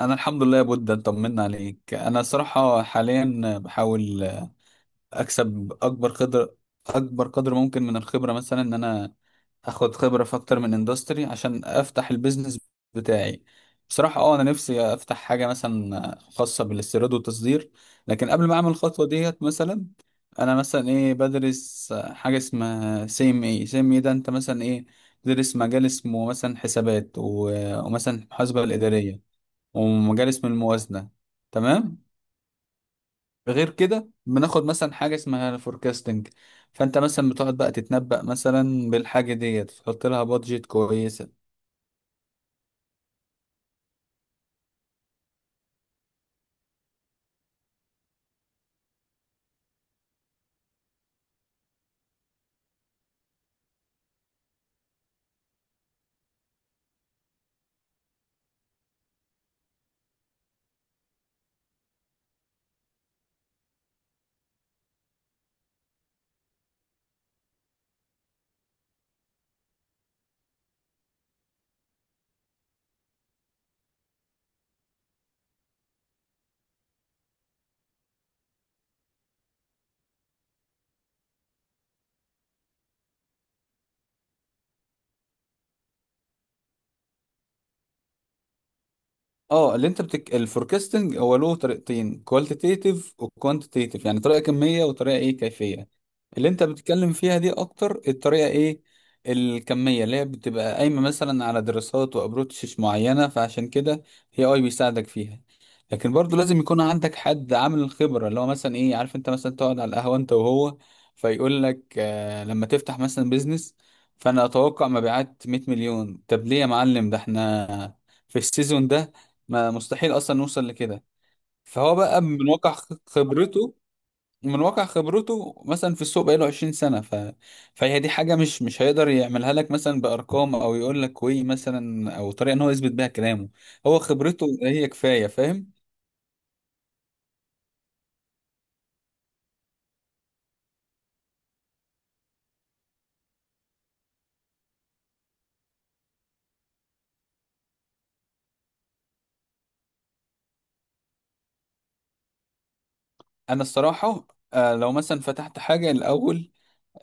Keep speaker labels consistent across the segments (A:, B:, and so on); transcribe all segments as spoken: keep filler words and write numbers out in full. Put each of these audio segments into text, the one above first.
A: انا الحمد لله يا بود، انت طمنا عليك. انا الصراحه حاليا بحاول اكسب اكبر قدر اكبر قدر ممكن من الخبره، مثلا ان انا اخد خبره في اكتر من اندستري عشان افتح البيزنس بتاعي. بصراحه اه، انا نفسي افتح حاجه مثلا خاصه بالاستيراد والتصدير، لكن قبل ما اعمل الخطوه ديت، مثلا انا مثلا ايه بدرس حاجه اسمها سي ام اي. سي ام اي ده انت مثلا ايه تدرس مجال اسمه مثلا حسابات و- ومثلا المحاسبه الاداريه، ومجال اسم الموازنة. تمام. غير كده بناخد مثلا حاجة اسمها فوركاستنج، فانت مثلا بتقعد بقى تتنبأ مثلا بالحاجة ديت، تحط لها بادجت كويسة. اه، اللي انت بتك... الفوركاستنج هو له طريقتين: كوالتيتيف وكوانتيتيف، يعني طريقه كميه وطريقه ايه كيفيه. اللي انت بتتكلم فيها دي اكتر الطريقه ايه الكميه، اللي هي بتبقى قايمه مثلا على دراسات وابروتشز معينه. فعشان كده هي اي بيساعدك فيها، لكن برضو لازم يكون عندك حد عامل الخبره، اللي هو مثلا ايه، عارف، انت مثلا تقعد على القهوه انت وهو، فيقول لك آه لما تفتح مثلا بيزنس، فانا اتوقع مبيعات 100 مليون. طب ليه يا معلم؟ ده احنا في السيزون ده ما مستحيل اصلا نوصل لكده. فهو بقى من واقع خ- خبرته، من واقع خبرته مثلا في السوق، بقاله 20 سنة ف... فهي دي حاجة مش مش هيقدر يعملها لك مثلا بأرقام، أو يقول لك وي مثلا، أو طريقة إن هو يثبت بيها كلامه. هو خبرته هي كفاية، فاهم. أنا الصراحة آه، لو مثلا فتحت حاجة الأول،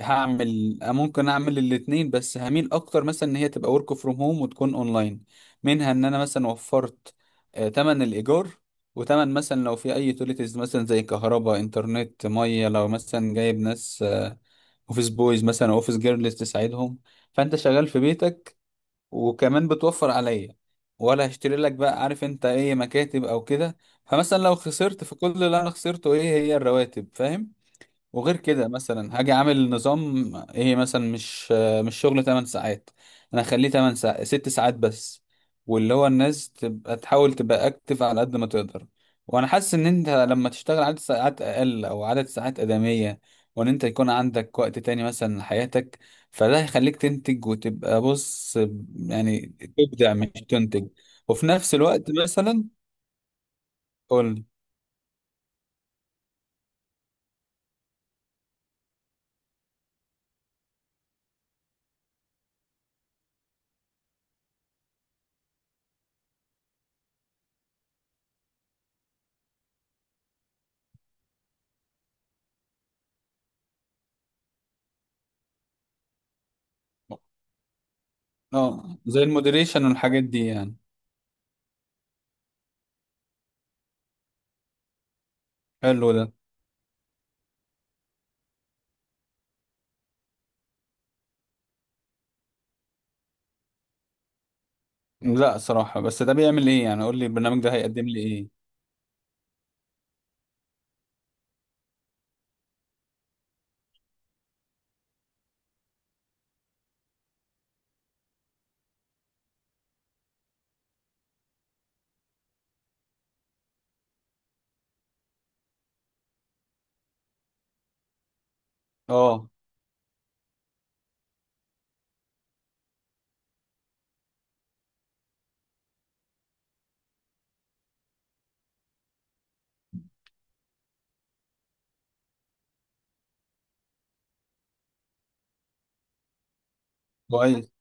A: هعمل، ممكن اعمل الاتنين، بس هميل اكتر مثلا ان هي تبقى ورك فروم هوم وتكون اونلاين. منها ان انا مثلا وفرت آه، تمن الايجار، وتمن مثلا لو في اي يوتيليتيز مثلا زي كهرباء، انترنت، ميه. لو مثلا جايب ناس، اوفيس بويز مثلا او اوفيس جيرلز تساعدهم، فانت شغال في بيتك، وكمان بتوفر عليا، ولا هشتري لك بقى، عارف انت، ايه، مكاتب او كده. فمثلا لو خسرت، فكل اللي انا خسرته ايه هي الرواتب، فاهم. وغير كده مثلا هاجي عامل نظام ايه مثلا، مش مش شغل 8 ساعات، انا هخليه 8 ساعات، 6 ساعات بس، واللي هو الناس تبقى تحاول تبقى اكتف على قد ما تقدر. وانا حاسس ان انت لما تشتغل عدد ساعات اقل، او عدد ساعات ادمية، وان انت يكون عندك وقت تاني مثلا لحياتك، فده هيخليك تنتج وتبقى، بص يعني، تبدع مش تنتج. وفي نفس الوقت مثلا، قول. اه، زي المودريشن والحاجات دي يعني. حلو ده. لا صراحة، بس ده بيعمل ايه يعني؟ قول لي البرنامج ده هيقدم لي ايه. اه. كويس.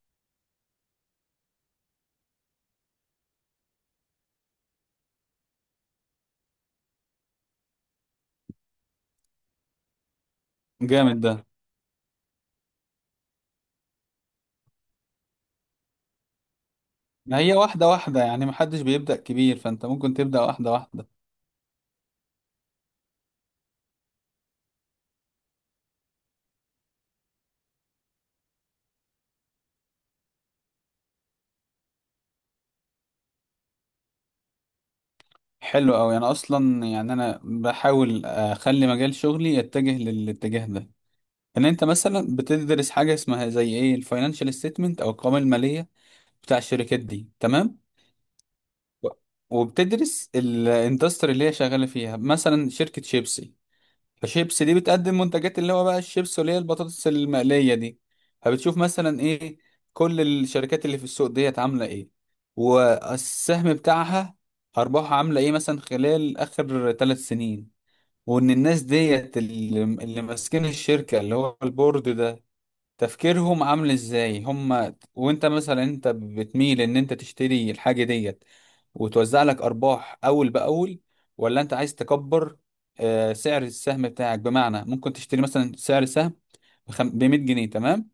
A: جامد ده. ما هي واحدة واحدة يعني، محدش بيبدأ كبير، فانت ممكن تبدأ واحدة واحدة. حلو أوي، أنا أصلا يعني أنا بحاول أخلي مجال شغلي يتجه للاتجاه ده. إن أنت مثلا بتدرس حاجة اسمها زي إيه الفاينانشال ستيتمنت أو القوائم المالية بتاع الشركات دي، تمام، و- وبتدرس الاندستري اللي هي شغالة فيها، مثلا شركة شيبسي. فشيبس دي بتقدم منتجات اللي هو بقى الشيبس، اللي هي البطاطس المقلية دي. فبتشوف مثلا ايه كل الشركات اللي في السوق ديت عاملة ايه، والسهم بتاعها، أرباحها عاملة ايه مثلا خلال آخر ثلاث سنين. وإن الناس ديت اللي, اللي ماسكين الشركة، اللي هو البورد ده، تفكيرهم عامل ازاي. هم وانت مثلا، انت بتميل ان انت تشتري الحاجة ديت وتوزع لك ارباح اول باول، ولا انت عايز تكبر آه، سعر السهم بتاعك؟ بمعنى ممكن تشتري مثلا سعر السهم ب مية جنيه، تمام،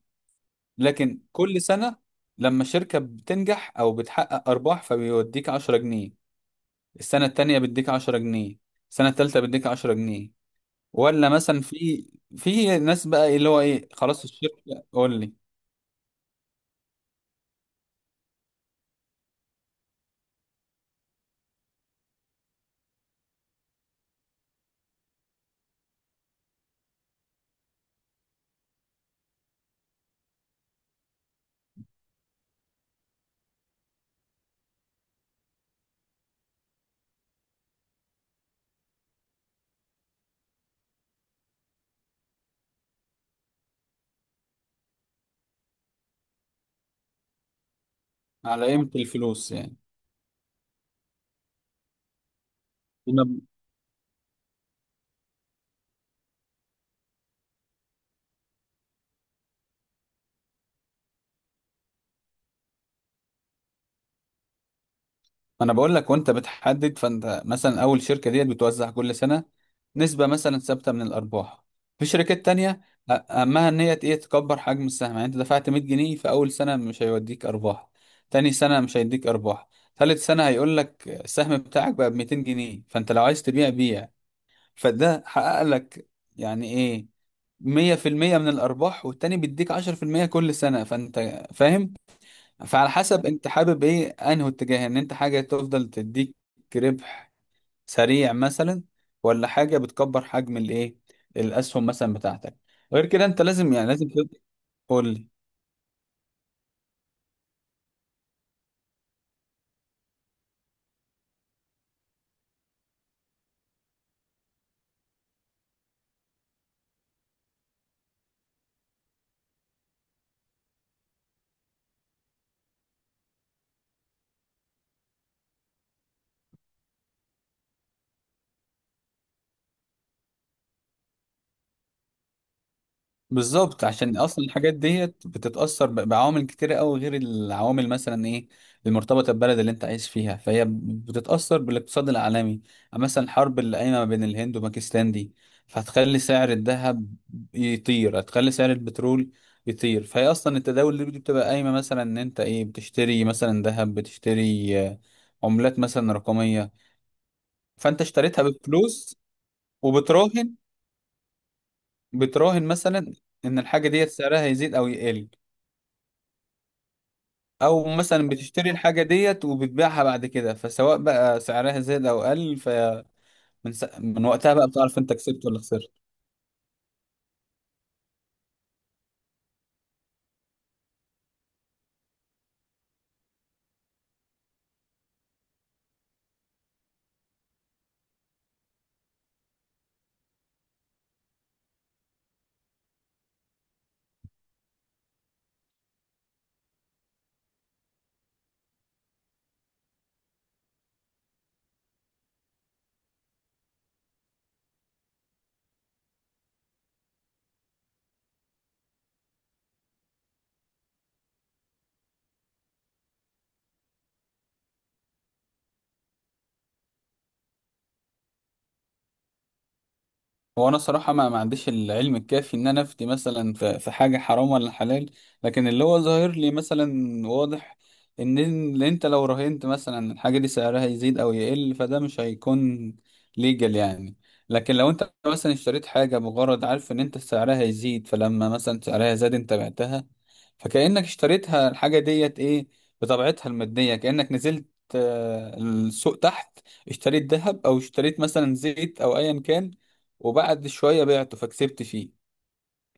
A: لكن كل سنة لما الشركة بتنجح او بتحقق ارباح، فبيوديك عشرة جنيه، السنة التانية بيديك عشرة جنيه، السنة التالتة بيديك عشرة جنيه. ولا مثلا في، في ناس بقى اللي هو ايه، خلاص الشركة قول لي على قيمة الفلوس يعني. انا، انا بقول لك، وانت بتحدد، فانت مثلا اول شركة ديت بتوزع كل سنة نسبة مثلا ثابتة من الارباح. في شركات تانية أ- اهمها ان هي ايه تكبر حجم السهم. يعني انت دفعت مية جنيه في اول سنة مش هيوديك ارباح، تاني سنة مش هيديك ارباح، ثالث سنة هيقول لك السهم بتاعك بقى ب ميتين جنيه، فانت لو عايز تبيع بيع. فده حقق لك يعني ايه مية بالمية من الارباح، والتاني بيديك عشرة بالمية كل سنة، فانت فاهم. فعلى حسب انت حابب ايه، انهي اتجاه، ان انت حاجة تفضل تديك ربح سريع مثلا، ولا حاجة بتكبر حجم الايه الاسهم مثلا بتاعتك. غير كده انت لازم، يعني لازم تقول، بالظبط، عشان اصلا الحاجات ديت بتتاثر ب- بعوامل كتيره قوي، غير العوامل مثلا ايه المرتبطه بالبلد اللي انت عايش فيها، فهي بتتاثر بالاقتصاد العالمي. يعني مثلا الحرب اللي قايمه ما بين الهند وباكستان دي، فهتخلي سعر الذهب يطير، هتخلي سعر البترول يطير. فهي اصلا التداول دي بتبقى قايمه مثلا ان انت ايه بتشتري مثلا ذهب، بتشتري آه، عملات مثلا رقميه، فانت اشتريتها بفلوس وبتراهن، بتراهن مثلا ان الحاجه ديت سعرها هيزيد او يقل. او مثلا بتشتري الحاجه ديت وبتبيعها بعد كده، فسواء بقى سعرها زاد او قل، فمن س... من وقتها بقى بتعرف انت كسبت ولا خسرت. هو انا صراحه ما, ما عنديش العلم الكافي ان انا افتي مثلا في, في حاجه حرام ولا حلال، لكن اللي هو ظاهر لي مثلا واضح، ان إن انت لو راهنت مثلا الحاجه دي سعرها يزيد او يقل، فده مش هيكون ليجل يعني. لكن لو انت مثلا اشتريت حاجه بغرض، عارف ان انت سعرها يزيد، فلما مثلا سعرها زاد انت بعتها، فكانك اشتريتها الحاجه ديت ايه بطبيعتها الماديه، كانك نزلت آه، السوق تحت، اشتريت ذهب، او اشتريت مثلا زيت، او ايا كان، وبعد شوية بعته فكسبت فيه.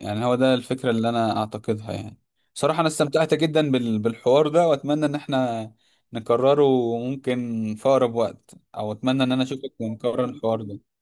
A: يعني هو ده الفكرة اللي أنا أعتقدها يعني. صراحة أنا استمتعت جدا بال- بالحوار ده، وأتمنى إن إحنا نكرره، ممكن في أقرب وقت، أو أتمنى إن أنا أشوفك ونكرر الحوار ده.